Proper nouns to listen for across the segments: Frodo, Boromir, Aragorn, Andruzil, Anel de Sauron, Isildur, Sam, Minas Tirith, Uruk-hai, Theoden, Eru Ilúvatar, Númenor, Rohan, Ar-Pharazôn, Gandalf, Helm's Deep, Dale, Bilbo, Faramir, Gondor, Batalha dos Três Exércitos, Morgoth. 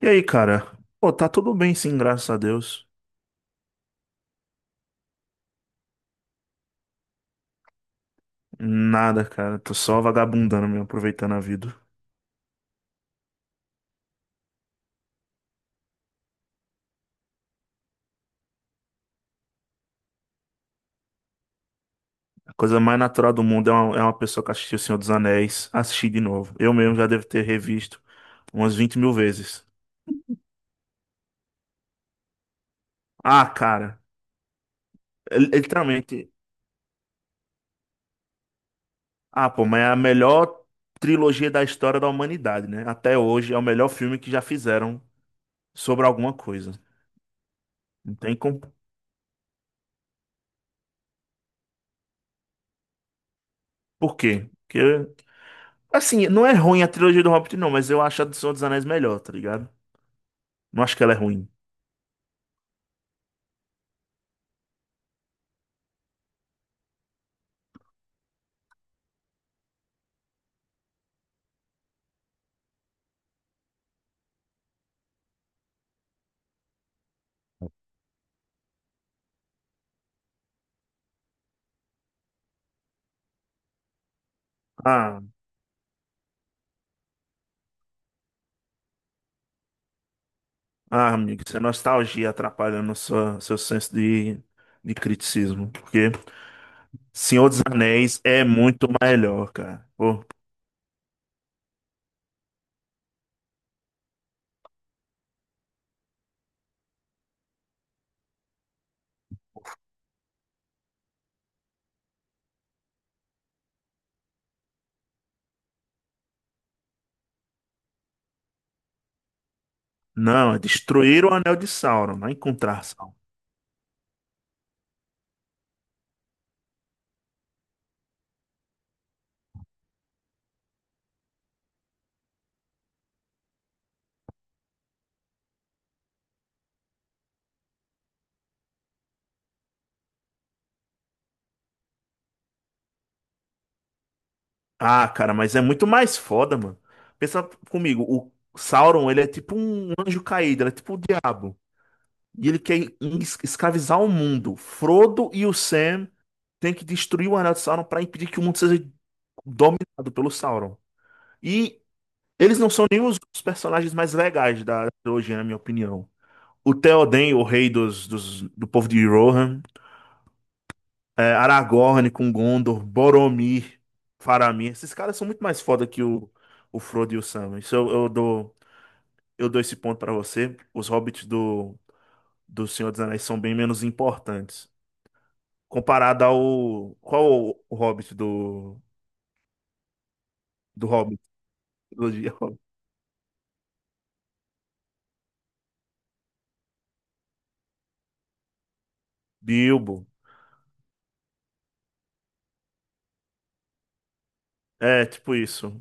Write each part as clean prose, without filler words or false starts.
E aí, cara? Pô, tá tudo bem sim, graças a Deus. Nada, cara. Tô só vagabundando mesmo, aproveitando a vida. A coisa mais natural do mundo é uma pessoa que assistiu O Senhor dos Anéis assistir de novo. Eu mesmo já devo ter revisto umas 20 mil vezes. Ah, cara. É literalmente. Ah, pô, mas é a melhor trilogia da história da humanidade, né? Até hoje é o melhor filme que já fizeram sobre alguma coisa. Não tem como. Por quê? Porque. Assim, não é ruim a trilogia do Hobbit, não, mas eu acho a do Senhor dos Anéis melhor, tá ligado? Não acho que ela é ruim. Ah, ah, amigo, isso é nostalgia atrapalhando seu senso de criticismo. Porque Senhor dos Anéis é muito melhor, cara. Pô, não, é destruir o Anel de Sauron, não é encontrar Sauron. Ah, cara, mas é muito mais foda, mano. Pensa comigo, o Sauron, ele é tipo um anjo caído, ele é tipo o diabo. E ele quer escravizar o mundo. Frodo e o Sam têm que destruir o Anel de Sauron para impedir que o mundo seja dominado pelo Sauron. E eles não são nem os personagens mais legais da trilogia, na minha opinião. O Theoden, o rei do povo de Rohan, é, Aragorn com Gondor, Boromir, Faramir, esses caras são muito mais foda que o Frodo e o Sam. Isso eu dou esse ponto pra você. Os hobbits do Senhor dos Anéis são bem menos importantes. Comparado ao. Qual o hobbit do Hobbit? Trilogia Hobbit? Bilbo. É, tipo isso.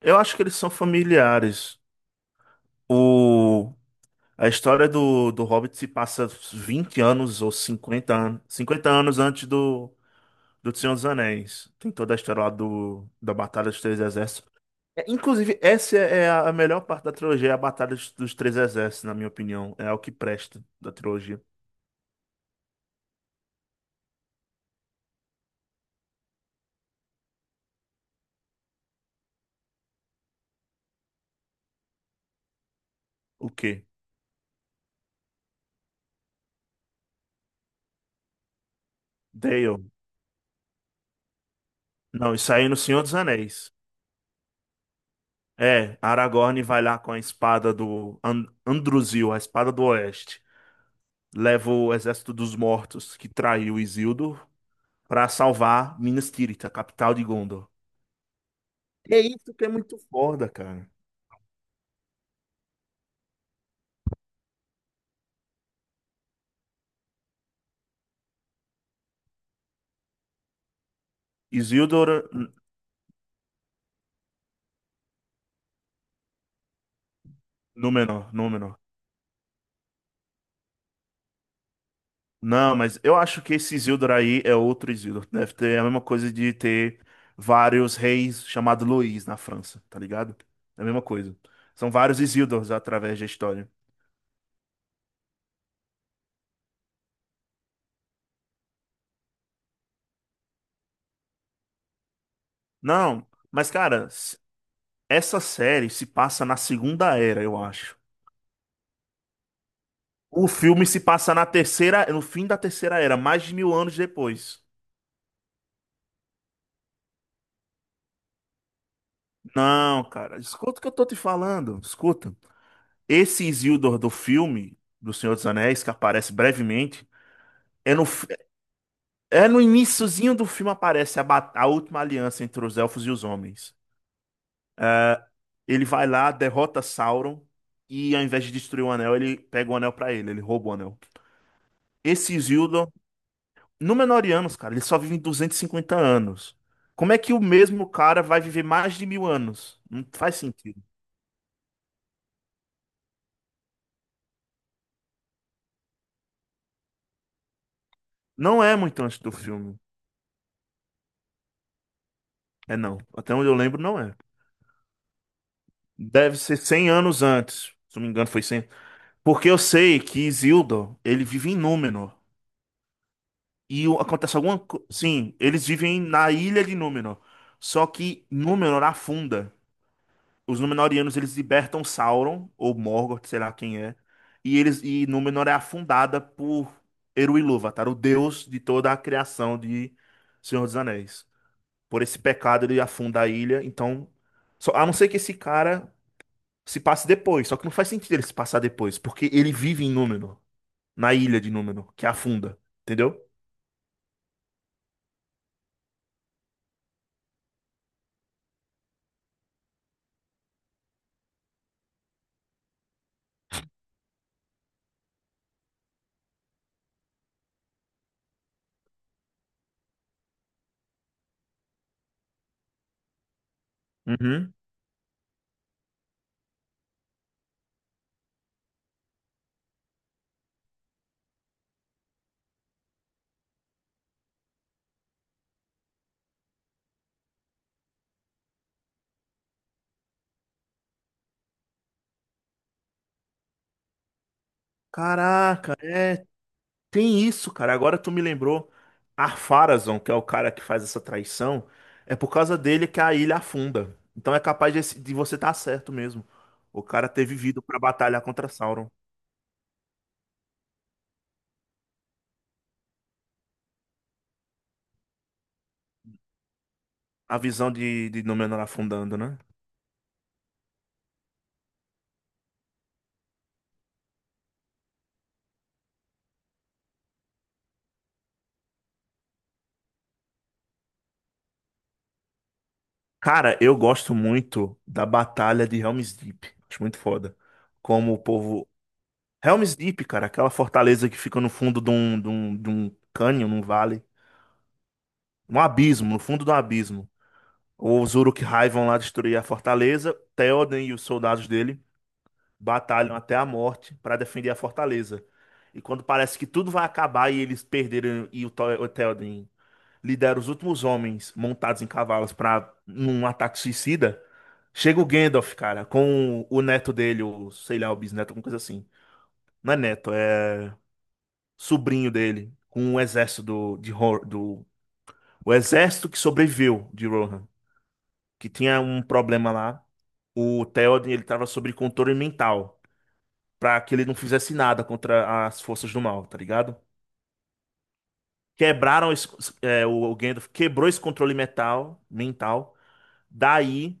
Eu acho que eles são familiares. O, a história do Hobbit se passa 20 anos ou 50 anos, 50 anos antes do Senhor dos Anéis. Tem toda a história lá da Batalha dos Três Exércitos. É, inclusive, essa é a melhor parte da trilogia, é a Batalha dos Três Exércitos, na minha opinião. É o que presta da trilogia. O quê? Dale. Não, isso aí é no Senhor dos Anéis. É, Aragorn vai lá com a espada do Andruzil, a espada do Oeste. Leva o exército dos mortos que traiu Isildur para salvar Minas Tirith, a capital de Gondor. É isso que é muito foda, cara. Isildur, Númenor. Não, mas eu acho que esse Isildur aí é outro Isildur. Deve ter a mesma coisa de ter vários reis chamados Luís na França, tá ligado? É a mesma coisa. São vários Isildurs através da história. Não, mas cara, essa série se passa na Segunda Era, eu acho. O filme se passa na terceira, no fim da Terceira Era, mais de mil anos depois. Não, cara, escuta o que eu tô te falando. Escuta. Esse Isildur do filme do Senhor dos Anéis, que aparece brevemente, é no, fi- é no iniciozinho do filme aparece a última aliança entre os elfos e os homens. Ele vai lá, derrota Sauron e ao invés de destruir o anel, ele pega o anel pra ele, ele rouba o anel. Esse Isildur, Númenóreanos, cara, ele só vive 250 anos. Como é que o mesmo cara vai viver mais de mil anos? Não faz sentido. Não é muito antes do filme. É não. Até onde eu lembro, não é. Deve ser 100 anos antes. Se não me engano, foi 100, porque eu sei que Isildur, ele vive em Númenor. E acontece alguma coisa. Sim, eles vivem na ilha de Númenor. Só que Númenor afunda. Os Númenóreanos, eles libertam Sauron, ou Morgoth, sei lá quem é. E eles e Númenor é afundada por Eru Ilúvatar, o deus de toda a criação de Senhor dos Anéis. Por esse pecado, ele afunda a ilha. Então, só, a não ser que esse cara se passa depois. Só que não faz sentido ele se passar depois, porque ele vive em Númenor, na ilha de Númenor, que afunda, entendeu? Uhum. Caraca, é, tem isso, cara. Agora tu me lembrou. Ar-Pharazôn, que é o cara que faz essa traição, é por causa dele que a ilha afunda. Então é capaz de você estar certo mesmo. O cara ter vivido pra batalhar contra Sauron. A visão de Númenor afundando, né? Cara, eu gosto muito da batalha de Helm's Deep. Acho muito foda. Como o povo Helm's Deep, cara, aquela fortaleza que fica no fundo de um cânion, num vale, um abismo, no fundo do abismo. Os Uruk-hai vão lá destruir a fortaleza, Theoden e os soldados dele batalham até a morte para defender a fortaleza. E quando parece que tudo vai acabar e eles perderam e o Theoden lidera os últimos homens montados em cavalos para num ataque suicida, chega o Gandalf, cara, com o neto dele, ou sei lá, o bisneto, alguma coisa assim. Não é neto, é sobrinho dele com o exército do, de, Ro- do o exército que sobreviveu de Rohan, que tinha um problema lá. O Theoden, ele tava sob controle mental, pra que ele não fizesse nada contra as forças do mal, tá ligado? Quebraram esse, é, o Gandalf quebrou esse controle mental. Daí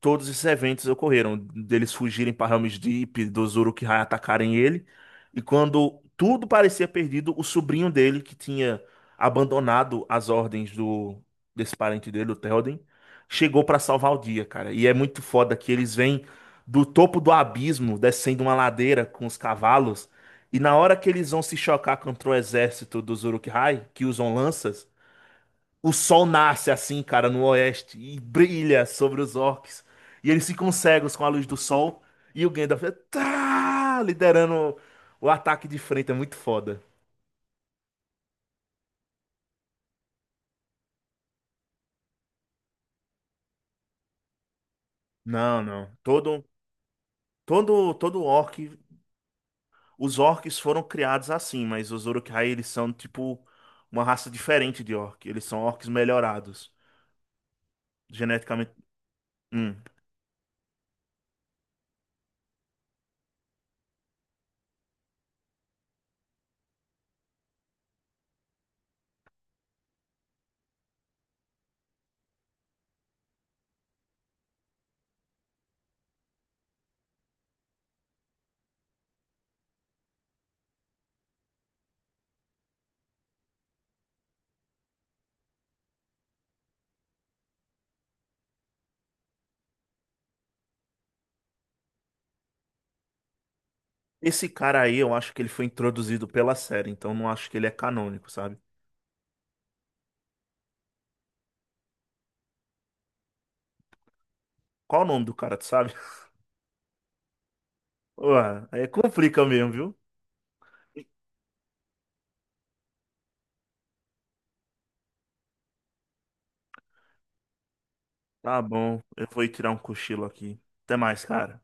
todos esses eventos ocorreram, deles fugirem para Helm's Deep, dos Uruk-hai atacarem ele, e quando tudo parecia perdido, o sobrinho dele, que tinha abandonado as ordens do desse parente dele, o Théoden, chegou para salvar o dia, cara. E é muito foda que eles vêm do topo do abismo, descendo uma ladeira com os cavalos, e na hora que eles vão se chocar contra o exército dos Uruk-hai, que usam lanças, o sol nasce assim, cara, no oeste e brilha sobre os orcs. E eles ficam cegos com a luz do sol. E o Gandalf tá liderando o ataque de frente. É muito foda. Não, não. Todo orc. Os orcs foram criados assim, mas os Uruk-hai, eles são tipo uma raça diferente de orc. Eles são orcs melhorados. Geneticamente. Hum. Esse cara aí, eu acho que ele foi introduzido pela série, então não acho que ele é canônico, sabe? Qual o nome do cara, tu sabe? Ué, aí complica mesmo, viu? Tá bom, eu vou ir tirar um cochilo aqui. Até mais, cara.